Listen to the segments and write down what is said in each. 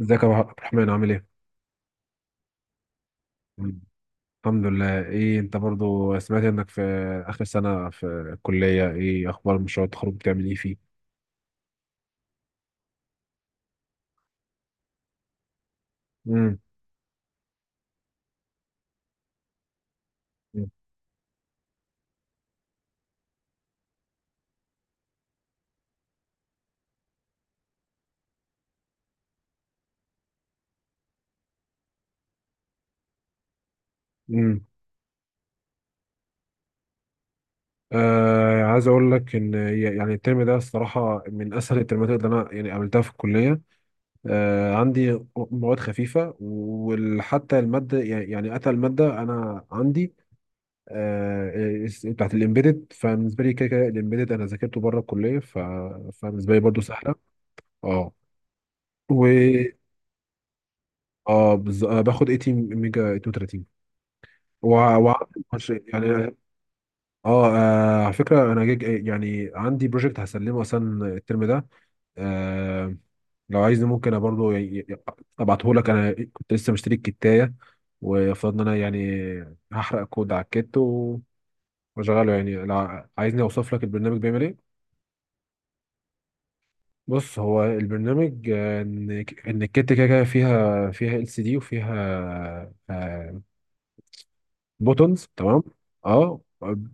ازيك يا عبد الرحمن، عامل ايه؟ مم. الحمد لله. ايه انت برضو، سمعت انك في اخر سنة في الكلية. ايه اخبار مشروع التخرج، بتعمل ايه فيه؟ امم. مم. امم. آه، عايز اقول لك ان يعني الترم ده الصراحة من اسهل الترمات اللي انا يعني قابلتها في الكلية. عندي مواد خفيفة، وحتى المادة يعني اتى المادة انا عندي، بتاعت الامبيدد، فبالنسبة لي كده كده الامبيدد انا ذاكرته بره الكلية فبالنسبة لي برضو سهلة. اه. و اه بز... آه باخد 18 ميجا 32، و... و... يعني. على فكره انا جيج، يعني عندي بروجكت هسلمه اصلا الترم ده. آه، لو عايز ممكن أنا برضو ي- ابعته لك. انا كنت لسه مشتري الكتايه وفضلنا، انا يعني هحرق كود على الكت واشغله يعني، لو عايزني اوصف لك البرنامج بيعمل ايه. بص، هو البرنامج، ان الكت كده كده فيها ال سي دي وفيها، آه، بوتونز، تمام. اه،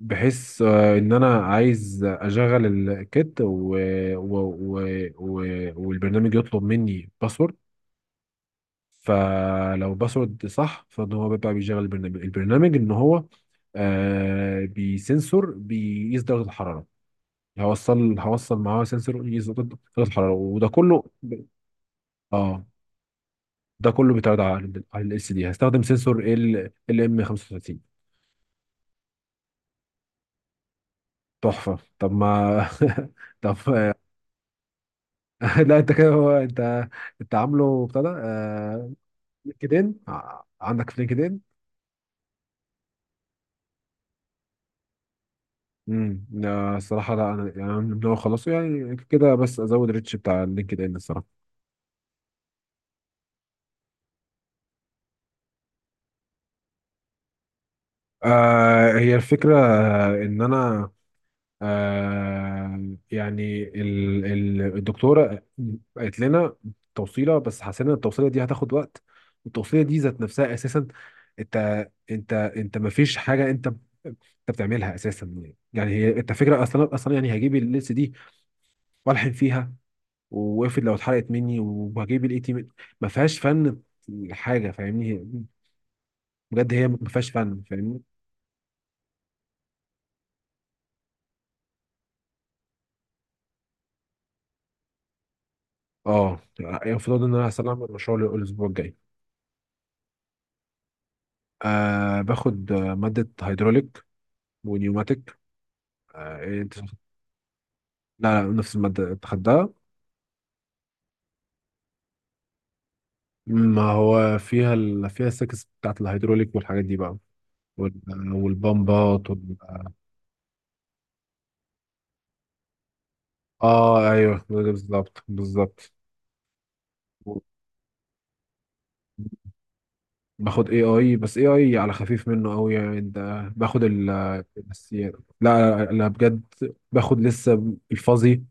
بحيث ان انا عايز اشغل الكت و... و... و... والبرنامج يطلب مني باسورد. فلو باسورد صح فان هو بيبقى بيشغل البرنامج، ان هو، بسنسور بيقيس درجة الحرارة. هوصل معاه سنسور يقيس درجة الحرارة، وده كله اه، ده كله بيتعرض على ال اس دي. هستخدم سنسور ال ام 35. تحفة. طب ما طب لا، انت كده، هو انت، عامله ابتدى. لينكدين، عندك في لينكدين؟ لا، الصراحه لا، انا يعني، أنا من هو خلصه يعني كده، بس ازود ريتش بتاع لينكدين الصراحه. آه، هي الفكره، ان انا، يعني ال الدكتوره قالت لنا توصيله، بس حسينا ان التوصيله دي هتاخد وقت. التوصيله دي ذات نفسها اساسا، انت ما فيش حاجه، انت بتعملها اساسا يعني. هي انت فكره، اصلا اصلا، يعني هجيب اللبس دي والحن فيها، وافرض لو اتحرقت مني وهجيب الاي تي، ما فيهاش فن حاجه، فاهمني؟ بجد هي ما فيهاش فن، فاهمني؟ اه، المفروض ان انا هسلم المشروع الاسبوع الجاي. باخد ماده هيدروليك ونيوماتيك. إيه، انت؟ لا، لا، نفس الماده انت خدتها. ما هو فيها السكس بتاعت الهيدروليك والحاجات دي بقى، وال- والبمبات. اه، ايوه، بالظبط بالظبط. باخد اي اي، بس اي اي على خفيف منه قوي يعني، ده باخد الاساسيات. لا، لا، لا، بجد، باخد لسه الفاظي،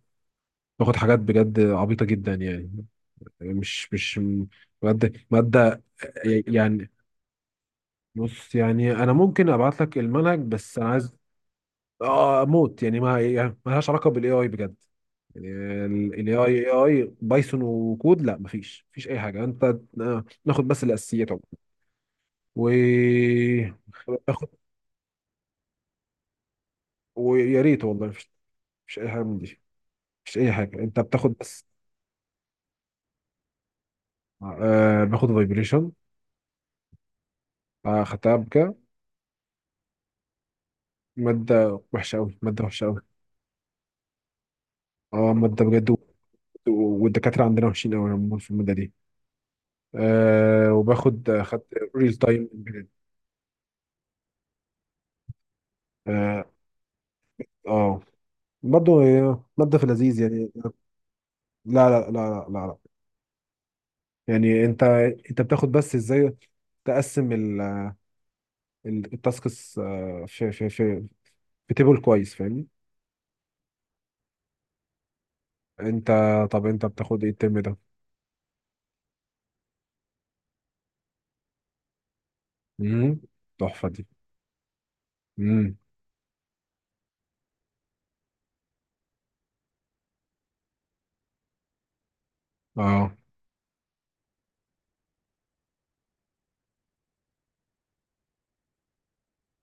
باخد حاجات بجد عبيطه جدا يعني، مش ماده ماده، يعني بص، يعني انا ممكن ابعت لك المنهج، بس انا عايز. اه، موت يعني، ما يعني ما لهاش علاقه بالاي اي بجد يعني. ال اي اي بايثون وكود، لا، مفيش اي حاجه، انت ناخد بس الاساسيات عموما. و باخد، ويا ريت والله. مفيش اي حاجه من دي، مفيش اي حاجه، انت بتاخد بس. باخد فايبريشن، خدتها بكده. ماده وحشه قوي، ماده وحشه قوي. اه، ماده بجد والدكاتره عندنا وحشين قوي عموما في الماده دي. آه وباخد آه، خدت ريل تايم. اه. آه. برضه هي ماده في لذيذ يعني. لا، لا، لا، لا، لا، لا. يعني انت بتاخد بس ازاي تقسم التاسكس، في تيبل كويس، فاهمني؟ انت طب انت بتاخد ايه الترم ده؟ امم. تحفه دي. امم. اه.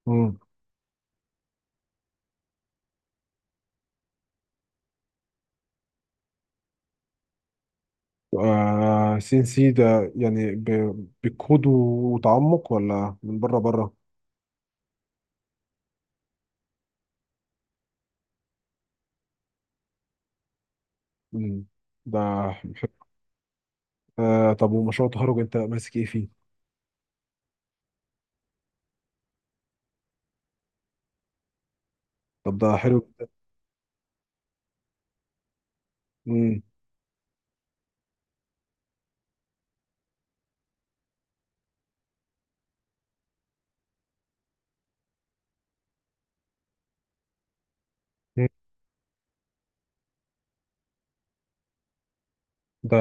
امم. آه، سي ان سي ده يعني، بكود وتعمق، ولا من بره بره؟ امم. ده حلو. آه، طب ومشروع التخرج انت ماسك ايه فيه؟ طب، ده حلو. امم. ده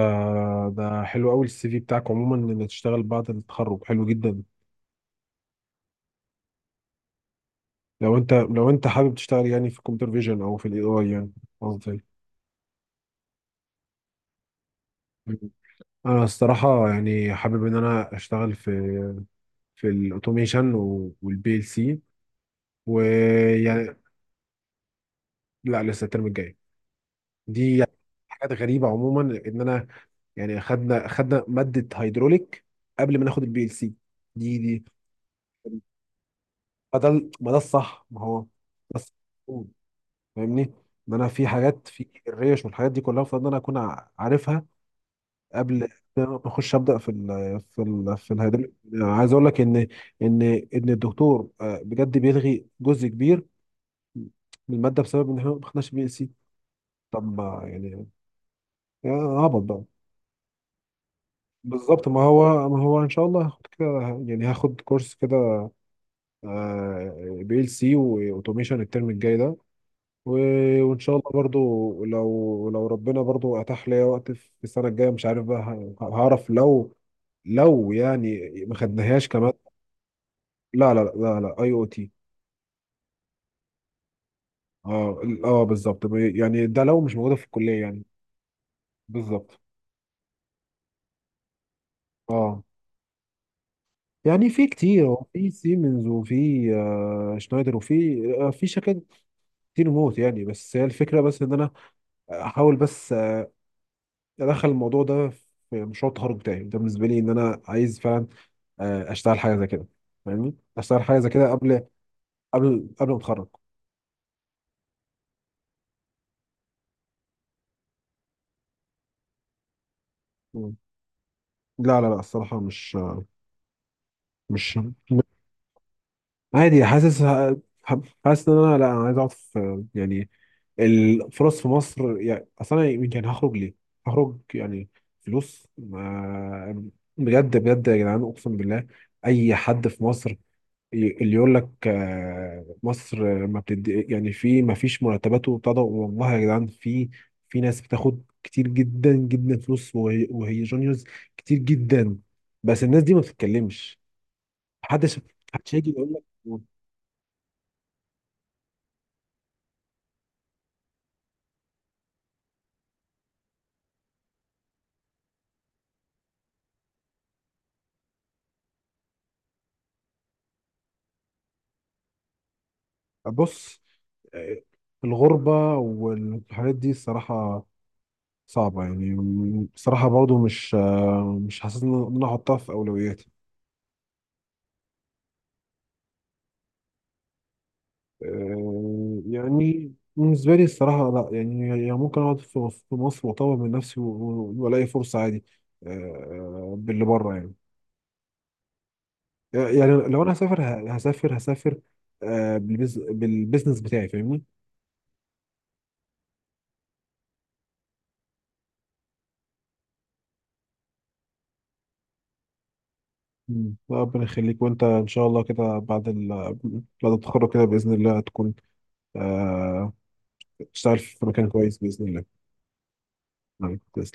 ده حلو قوي، السي في بتاعك عموما ان تشتغل بعد التخرج حلو جدا. لو انت حابب تشتغل يعني في الكمبيوتر فيجن او في الاي اي يعني، قصدي. انا الصراحه يعني حابب ان انا اشتغل في الاوتوميشن والبي ال سي، ويعني. لا، لسه الترم الجاي دي يعني. حاجات غريبه عموما، ان انا يعني خدنا ماده هيدروليك قبل ما ناخد البي ال سي دي. ما ده ما ده الصح، ما هو، بس فاهمني، ان انا في حاجات في الريش والحاجات دي كلها، المفروض ان انا اكون عارفها قبل ما اخش ابدا في الهيدروليك. عايز اقول لك ان ان ان الدكتور، بجد بيلغي جزء كبير من الماده بسبب ان احنا ما خدناش بي ال سي. طب، ما يعني، يا هبط بقى. بالظبط، ما هو، ان شاء الله هاخد كده، يعني هاخد كورس كده، بي ال سي واوتوميشن الترم الجاي ده، وان شاء الله برضو، لو ربنا برضو اتاح ليا وقت في السنه الجايه، مش عارف بقى هعرف لو، يعني ما خدناهاش كمان. لا، لا، لا، لا، اي او تي. اه، اه بالظبط، يعني ده لو مش موجوده في الكليه يعني. بالظبط. اه، يعني في كتير، هو في سيمنز، وفي شنايدر، وفي في شركات كتير موت يعني. بس هي الفكره، بس ان انا احاول بس ادخل الموضوع ده في مشروع التخرج بتاعي ده. بالنسبه لي، ان انا عايز فعلا اشتغل حاجه زي كده، فاهمني، اشتغل حاجه زي كده قبل، ما اتخرج. مم. لا، لا، لا، الصراحه مش، مش عادي. حاسس ان انا، لا، انا عايز اقعد في، يعني الفرص في مصر يعني اصلا. انا يعني يمكن هخرج ليه؟ هخرج يعني فلوس، ما بجد بجد يا جدعان، اقسم بالله، اي حد في مصر اللي يقول لك، مصر، ما بتدي يعني، في ما فيش مرتبات وبتاع ده، والله يا جدعان، في، في ناس بتاخد كتير جدا جدا فلوس، وهي جونيورز كتير جدا، بس الناس دي ما بتتكلمش. محدش محدش هيجي يقول لك، بص، آه، الغربة والحاجات دي الصراحة صعبة يعني. بصراحة برضو مش، حاسس إن أنا أحطها في أولوياتي. يعني بالنسبة لي الصراحة لا، يعني ممكن أقعد في مصر وأطور من نفسي وألاقي فرصة عادي. باللي بره يعني. يعني لو أنا هسافر، هسافر بالبزنس بتاعي، فاهمني. مم. ربنا يخليك. وأنت إن شاء الله كده بعد بعد التخرج كده، بإذن الله تكون آه، تشتغل في مكان كويس بإذن الله. كويس.